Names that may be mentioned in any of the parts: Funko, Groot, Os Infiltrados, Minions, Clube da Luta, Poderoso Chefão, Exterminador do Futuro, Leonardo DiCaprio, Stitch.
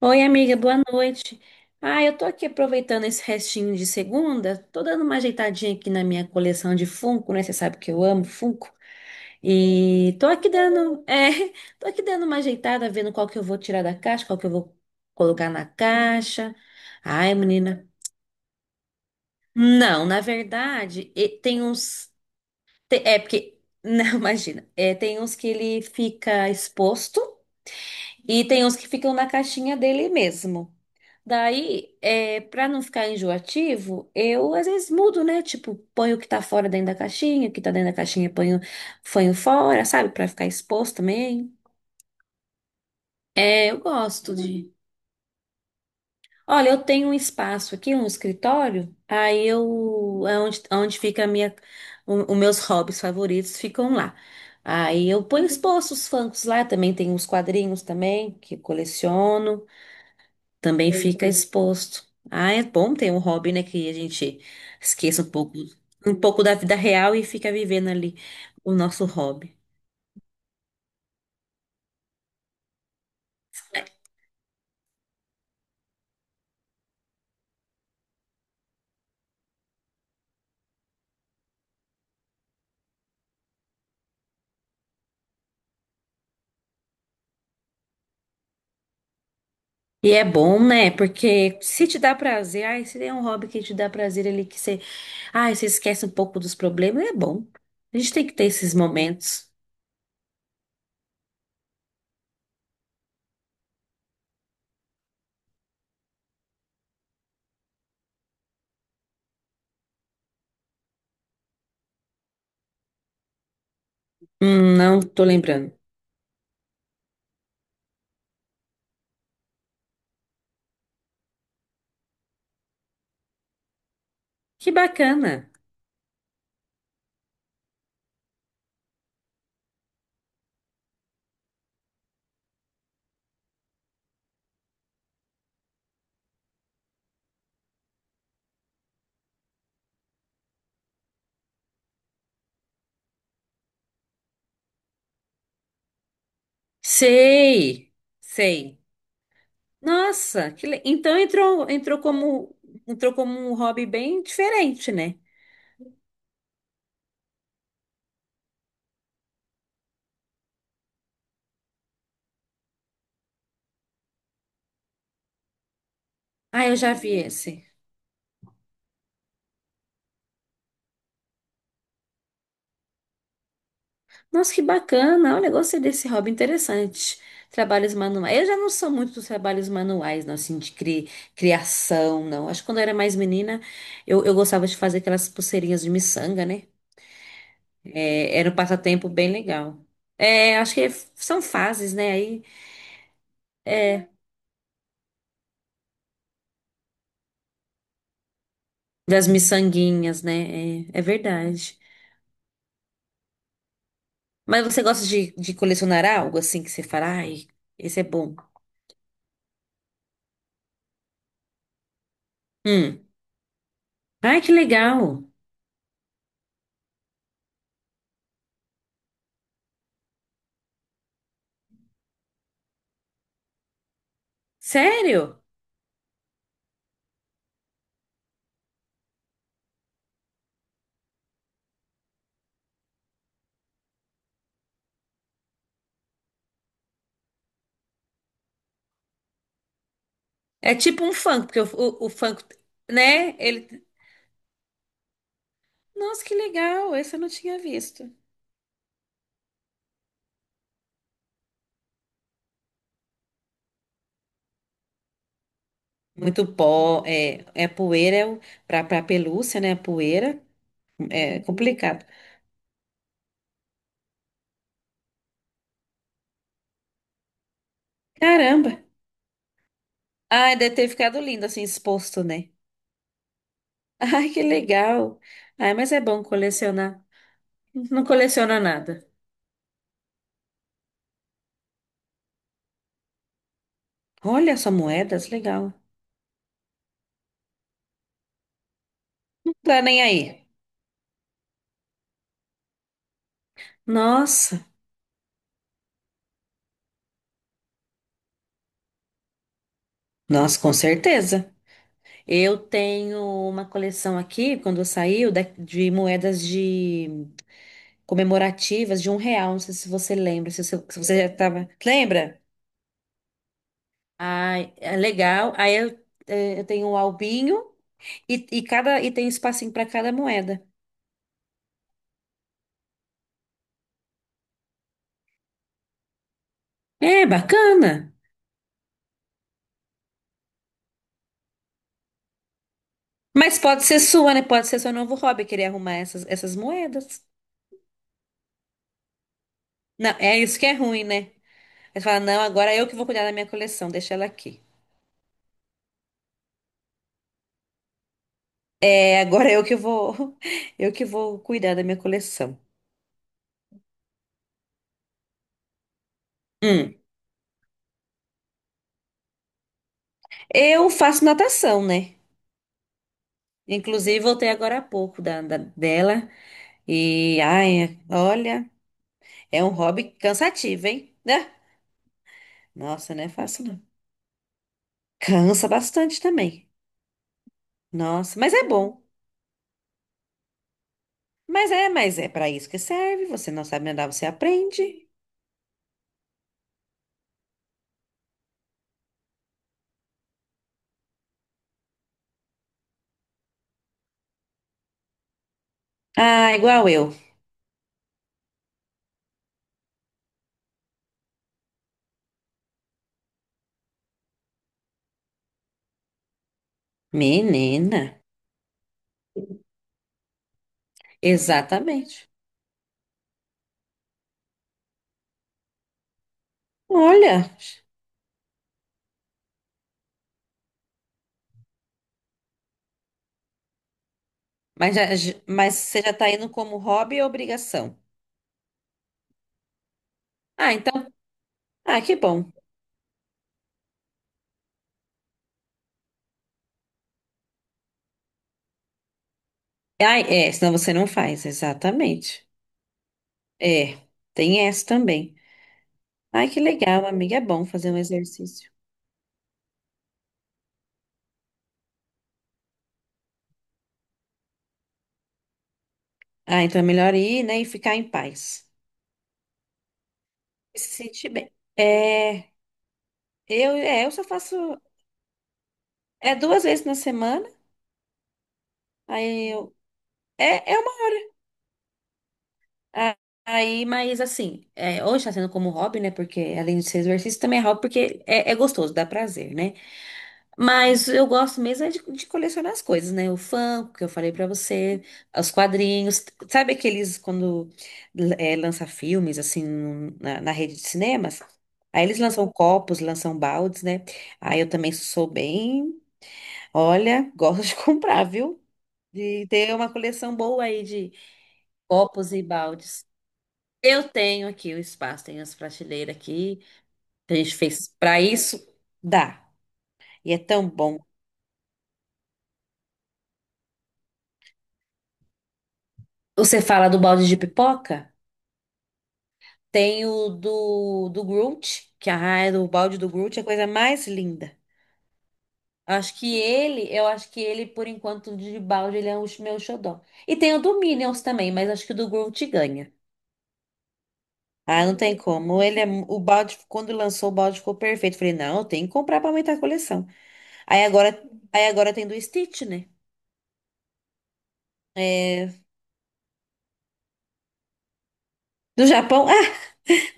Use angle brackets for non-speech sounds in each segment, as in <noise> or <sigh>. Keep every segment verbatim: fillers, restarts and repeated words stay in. Oi, amiga, boa noite. Ah, eu tô aqui aproveitando esse restinho de segunda, tô dando uma ajeitadinha aqui na minha coleção de Funko, né? Você sabe que eu amo Funko. E tô aqui dando, é, <laughs> tô aqui dando uma ajeitada, vendo qual que eu vou tirar da caixa, qual que eu vou colocar na caixa. Ai, menina. Não, na verdade, e- tem uns. te- É porque. <laughs> Não, imagina. É, tem uns que ele fica exposto e tem uns que ficam na caixinha dele mesmo. Daí, é, para não ficar enjoativo, eu às vezes mudo, né? Tipo, ponho o que tá fora dentro da caixinha, o que tá dentro da caixinha ponho, ponho fora, sabe? Pra ficar exposto também. É, eu gosto de. Olha, eu tenho um espaço aqui, um escritório, aí eu. É onde, onde fica a minha, o- os meus hobbies favoritos ficam lá. Aí eu ponho exposto os funkos lá, também tem uns quadrinhos também que eu coleciono. Também fica exposto. Ah, é bom ter um hobby, né, que a gente esqueça um pouco, um pouco da vida real e fica vivendo ali o nosso hobby. E é bom, né? Porque se te dá prazer, ai, se tem um hobby que te dá prazer ali, que você, ai, você esquece um pouco dos problemas, é bom. A gente tem que ter esses momentos. Hum, não tô lembrando. Que bacana. Sei, sei. Nossa, que le- então entrou, entrou como, entrou como um hobby bem diferente, né? Ah, eu já vi esse. Nossa, que bacana. Olha, gostei desse hobby interessante. Trabalhos manuais. Eu já não sou muito dos trabalhos manuais, não, assim, de cri- criação, não. Acho que quando eu era mais menina, eu, eu gostava de fazer aquelas pulseirinhas de miçanga, né? É, era um passatempo bem legal. É, acho que é- são fases, né? Aí, é, das miçanguinhas, né? É, é verdade. Mas você gosta de, de colecionar algo, assim, que você fala, ai, esse é bom. Hum. Ai, que legal. Sério? É tipo um funk, porque o, o, o funk, né? Ele. Nossa, que legal! Esse eu não tinha visto. Muito pó, é, é poeira, é o, pra, pra pelúcia, né? Poeira, é complicado. Caramba! Ai, deve ter ficado lindo assim, exposto, né? <laughs> Ai, que legal! Ai, mas é bom colecionar. Não coleciona nada. Olha só, moedas, legal. Não tá nem aí. Nossa, nossa, com certeza. Eu tenho uma coleção aqui, quando saiu, da- de moedas de. Comemorativas de um real. Não sei se você lembra, se, você se você já estava. Lembra? Ai, é legal. Aí eu, é, eu tenho um albinho e, e cada e tem espacinho para cada moeda. É bacana. Mas pode ser sua, né? Pode ser seu novo hobby, querer arrumar essas, essas moedas. Não, é isso que é ruim, né? Aí você fala, não, agora é eu que vou cuidar da minha coleção, deixa ela aqui. É, agora é eu que vou, <laughs> eu que vou cuidar da minha coleção. Hum. Eu faço natação, né? Inclusive, voltei agora há pouco da, da- dela. E, ai, olha, é um hobby cansativo, hein? Né? Nossa, não é fácil, não. Cansa bastante também. Nossa, mas é bom. Mas é, mas é para isso que serve. Você não sabe andar, você aprende. Ah, igual eu. Menina, exatamente. Olha, mas, já- já- mas você já tá indo como hobby ou obrigação? Ah, então, ah, que bom. Ah, é, senão você não faz, exatamente. É, tem essa também. Ai, que legal, amiga. É bom fazer um exercício. Ah, então é melhor ir, né, e ficar em paz. E se sentir bem. É, eu, é, eu só faço é duas vezes na semana. Aí eu é, é uma a- aí, mas assim, é, hoje está sendo como hobby, né? Porque além de ser exercício, também é hobby porque é, é gostoso, dá prazer, né? Mas eu gosto mesmo é de, de colecionar as coisas, né? O Funko, que eu falei pra você, os quadrinhos. Sabe aqueles quando é, lança filmes, assim, na, na rede de cinemas? Aí eles lançam copos, lançam baldes, né? Aí eu também sou bem. Olha, gosto de <laughs> comprar, viu? De ter uma coleção boa aí de copos e baldes. Eu tenho aqui o espaço, tenho as prateleiras aqui. A gente fez pra isso, dá. E é tão bom. Você fala do balde de pipoca? Tem o do, do Groot, que a do balde do Groot é a coisa mais linda. Acho que ele, eu acho que ele, por enquanto, de balde, ele é o meu xodó. E tem o do Minions também, mas acho que o do Groot ganha. Ah, não tem como. Ele é, mu- o balde, quando lançou o balde ficou perfeito. Falei, não, tem que comprar pra aumentar a coleção. Aí agora, aí agora tem do Stitch, né? É, do Japão. <laughs>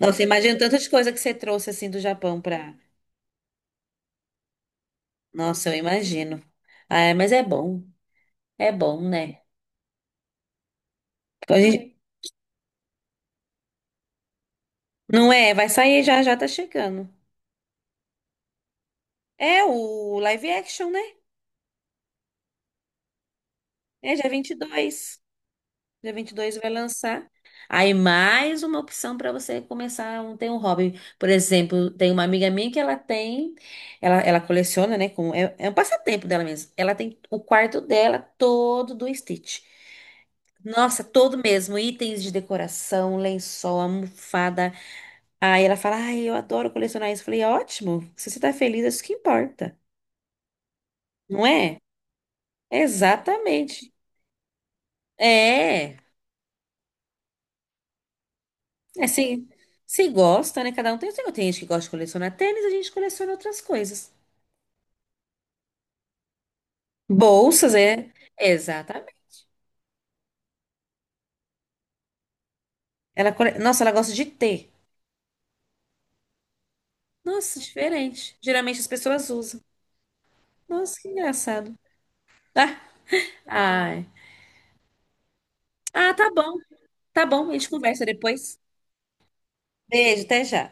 Ah, nossa, imagino tanta de coisa que você trouxe assim do Japão pra. Nossa, eu imagino. Ah, mas é bom. É bom, né? Então, a gente- Não é? Vai sair já, já tá chegando. É o live action, né? É dia vinte e dois. Dia vinte e dois vai lançar. Aí mais uma opção para você começar um, ter um hobby. Por exemplo, tem uma amiga minha que ela tem, ela, ela coleciona, né? Com, é, é um passatempo dela mesmo. Ela tem o quarto dela todo do Stitch. Nossa, todo mesmo, itens de decoração, lençol, almofada. Aí ela fala, ai, eu adoro colecionar isso. Eu falei, ótimo, se você tá feliz, é isso que importa, não é? Exatamente. É. É se, se gosta, né? Cada um tem o seu. Tem gente que gosta de colecionar tênis, a gente coleciona outras coisas. Bolsas, é. Exatamente. Ela, cole- Nossa, ela gosta de ter. Nossa, diferente. Geralmente as pessoas usam. Nossa, que engraçado. Ah, ai. Ah, tá bom. Tá bom, a gente conversa depois. Beijo, até já.